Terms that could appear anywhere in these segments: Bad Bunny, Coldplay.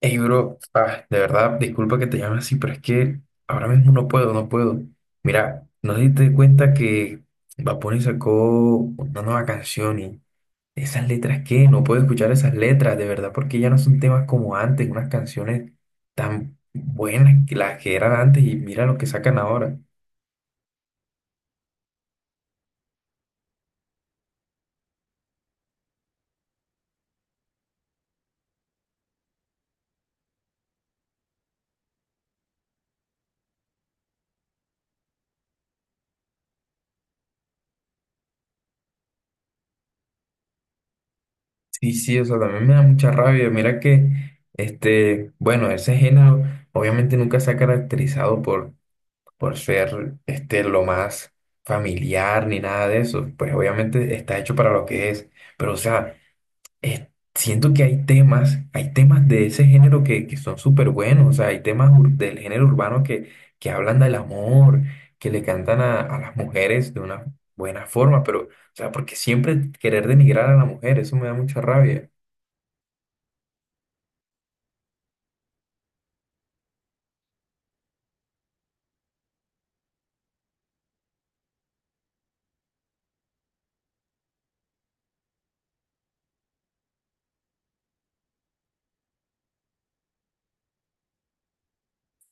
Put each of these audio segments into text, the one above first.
Ey, bro, ah, de verdad, disculpa que te llame así, pero es que ahora mismo no puedo, no puedo. Mira, no te diste cuenta que Bad Bunny sacó una nueva canción y esas letras, ¿qué? No puedo escuchar esas letras, de verdad, porque ya no son temas como antes, unas canciones tan buenas que las que eran antes y mira lo que sacan ahora. Sí, sí, o sea, también me da mucha rabia. Mira que, bueno, ese género obviamente nunca se ha caracterizado por ser este, lo más familiar ni nada de eso. Pues obviamente está hecho para lo que es. Pero o sea, eh, siento que hay temas de ese género que son súper buenos. O sea, hay temas del género urbano que hablan del amor, que le cantan a las mujeres de una buena forma. Pero, o sea, porque siempre querer denigrar a la mujer, eso me da mucha rabia.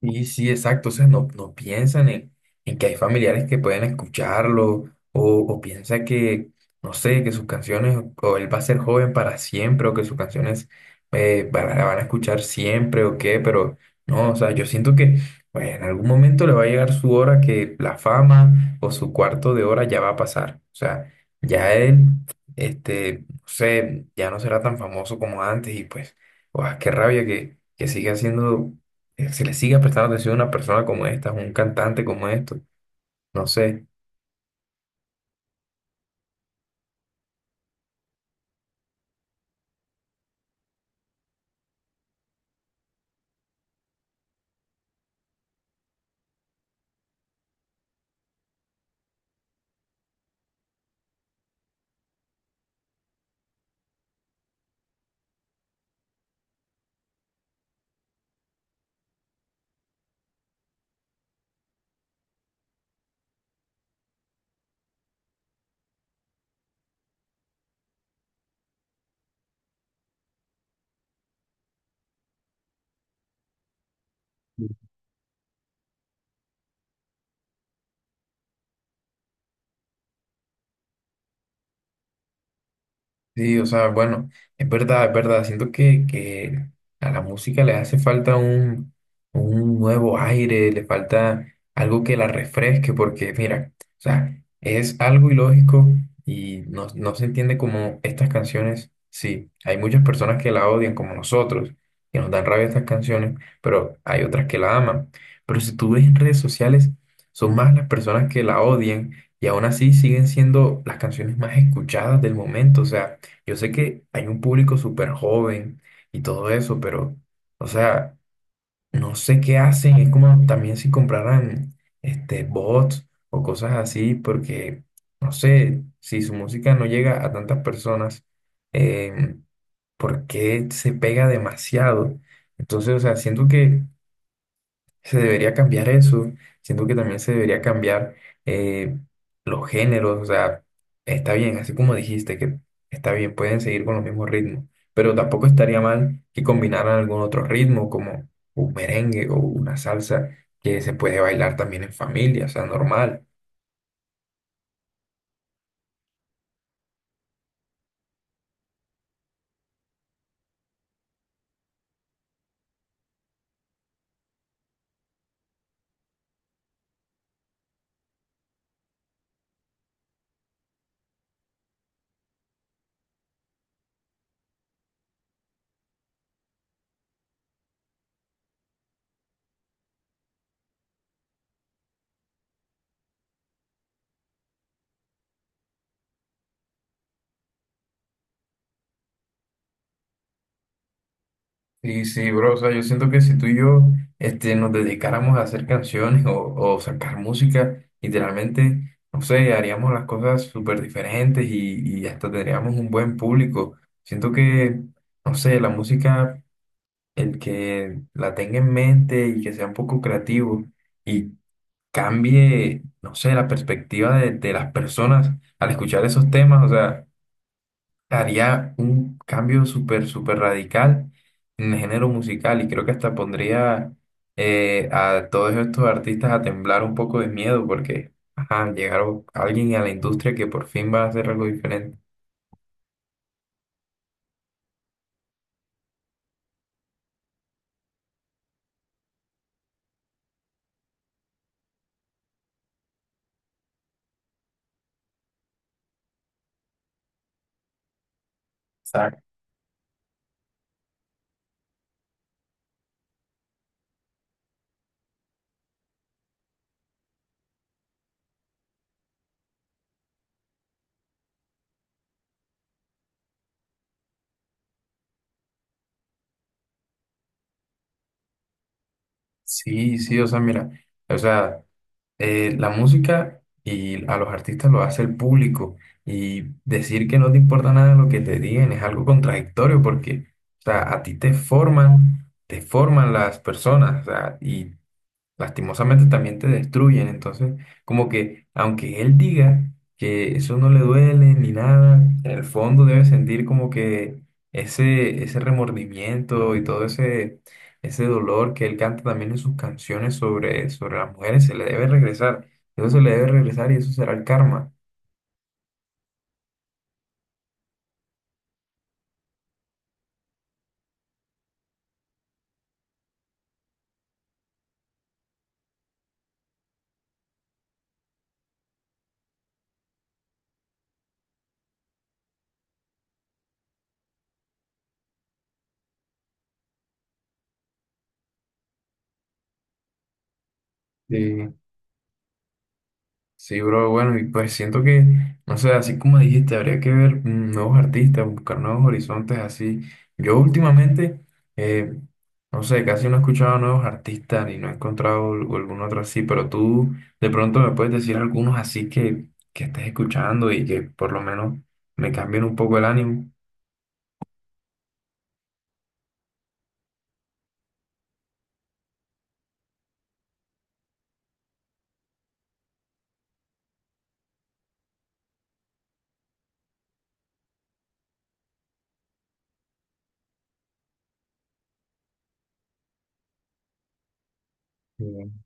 Sí, sí, exacto. O sea, no, no piensan en que hay familiares que pueden escucharlo o piensa que, no sé, que sus canciones o él va a ser joven para siempre o que sus canciones van, la van a escuchar siempre o qué, pero no, o sea, yo siento que pues, en algún momento le va a llegar su hora que la fama o su cuarto de hora ya va a pasar. O sea, ya él, no sé, ya no será tan famoso como antes y pues, guau, qué rabia que siga siendo se le siga prestando atención a una persona como esta, a un cantante como esto. No sé. Sí, o sea, bueno, es verdad, es verdad. Siento que a la música le hace falta un nuevo aire, le falta algo que la refresque, porque mira, o sea, es algo ilógico y no, no se entiende como estas canciones. Sí, hay muchas personas que la odian, como nosotros, que nos dan rabia estas canciones, pero hay otras que la aman. Pero si tú ves en redes sociales, son más las personas que la odian y aún así siguen siendo las canciones más escuchadas del momento, o sea. Yo sé que hay un público súper joven y todo eso, pero, o sea, no sé qué hacen. Es como también si compraran este, bots o cosas así, porque, no sé, si su música no llega a tantas personas, eh, ¿por qué se pega demasiado? Entonces, o sea, siento que se debería cambiar eso. Siento que también se debería cambiar eh, los géneros. O sea, está bien, así como dijiste, que está bien, pueden seguir con los mismos ritmos. Pero tampoco estaría mal que combinaran algún otro ritmo, como un merengue o una salsa, que se puede bailar también en familia, o sea, normal. Sí, sí, bro, o sea, yo siento que si tú y yo este, nos dedicáramos a hacer canciones o sacar música, literalmente, no sé, haríamos las cosas súper diferentes y hasta tendríamos un buen público. Siento que, no sé, la música, el que la tenga en mente y que sea un poco creativo y cambie, no sé, la perspectiva de las personas al escuchar esos temas, o sea haría un cambio súper, súper radical en el género musical y creo que hasta pondría a todos estos artistas a temblar un poco de miedo porque, ajá, llegaron alguien a la industria que por fin va a hacer algo diferente. Exacto. Sí, sí, o sea, mira, o sea, la música y a los artistas lo hace el público y decir que no te importa nada lo que te digan es algo contradictorio porque, o sea, a ti te forman las personas, o sea, y lastimosamente también te destruyen. Entonces, como que aunque él diga que eso no le duele ni nada, en el fondo debe sentir como que ese remordimiento y todo ese, ese dolor que él canta también en sus canciones sobre las mujeres, se le debe regresar. Eso se le debe regresar y eso será el karma. Sí. Sí, bro, bueno, y pues siento que, no sé, así como dijiste, habría que ver nuevos artistas, buscar nuevos horizontes, así. Yo últimamente, eh, no sé, casi no he escuchado nuevos artistas ni no he encontrado algún otro así, pero tú de pronto me puedes decir algunos así que estés escuchando y que por lo menos me cambien un poco el ánimo. Mm,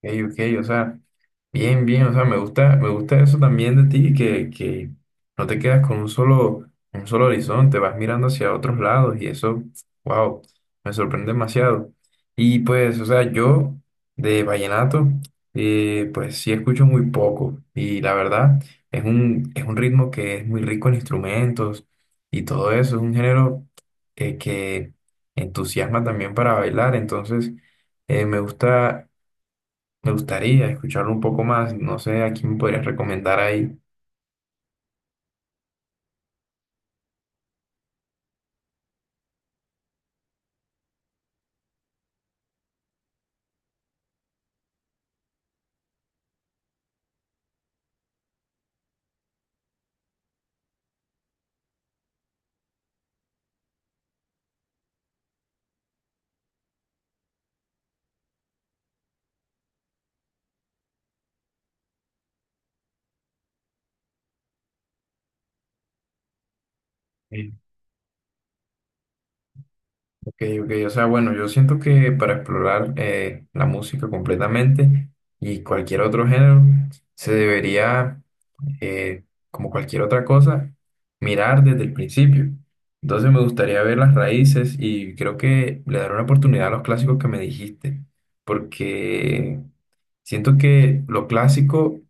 ok, ok, o sea. Bien, bien, o sea, me gusta eso también de ti, que no te quedas con un solo horizonte, vas mirando hacia otros lados y eso, wow, me sorprende demasiado. Y pues, o sea, yo de vallenato, pues sí escucho muy poco y la verdad es un ritmo que es muy rico en instrumentos y todo eso, es un género que entusiasma también para bailar, entonces me gusta me gustaría escucharlo un poco más. No sé a quién me podrías recomendar ahí. Eh, Ok, ok. O sea, bueno, yo siento que para explorar la música completamente y cualquier otro género, se debería, eh, como cualquier otra cosa, mirar desde el principio. Entonces me gustaría ver las raíces y creo que le daré una oportunidad a los clásicos que me dijiste, porque siento que lo clásico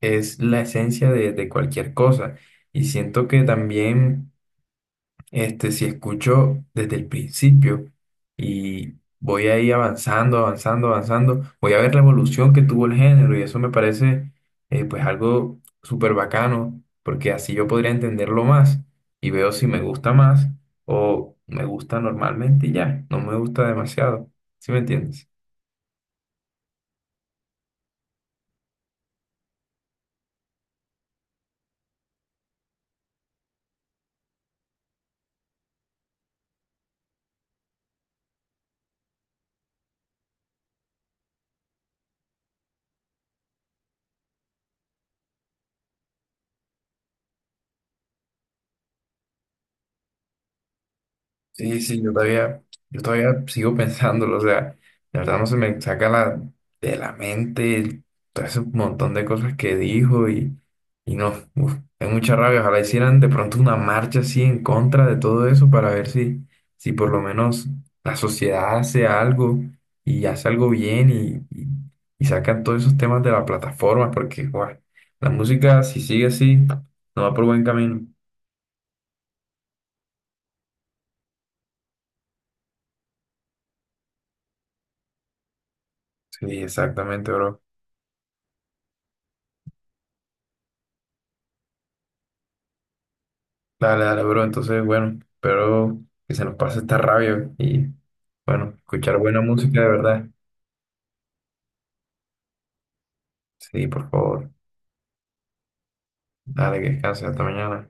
es la esencia de cualquier cosa. Y siento que también, este, si escucho desde el principio y voy ahí avanzando, avanzando, avanzando, voy a ver la evolución que tuvo el género y eso me parece, pues algo súper bacano, porque así yo podría entenderlo más y veo si me gusta más o me gusta normalmente y ya, no me gusta demasiado. ¿Sí me entiendes? Sí, sí, yo todavía sigo pensándolo, o sea, la verdad no se me saca de la mente todo ese montón de cosas que dijo y no, uf, hay mucha rabia, ojalá hicieran de pronto una marcha así en contra de todo eso para ver si, si por lo menos la sociedad hace algo y hace algo bien y sacan todos esos temas de la plataforma, porque guau, la música si sigue así no va por buen camino. Sí, exactamente, bro. Dale, dale, bro. Entonces, bueno, espero que se nos pase esta rabia y, bueno, escuchar buena música de verdad. Sí, por favor. Dale, que descanses hasta mañana.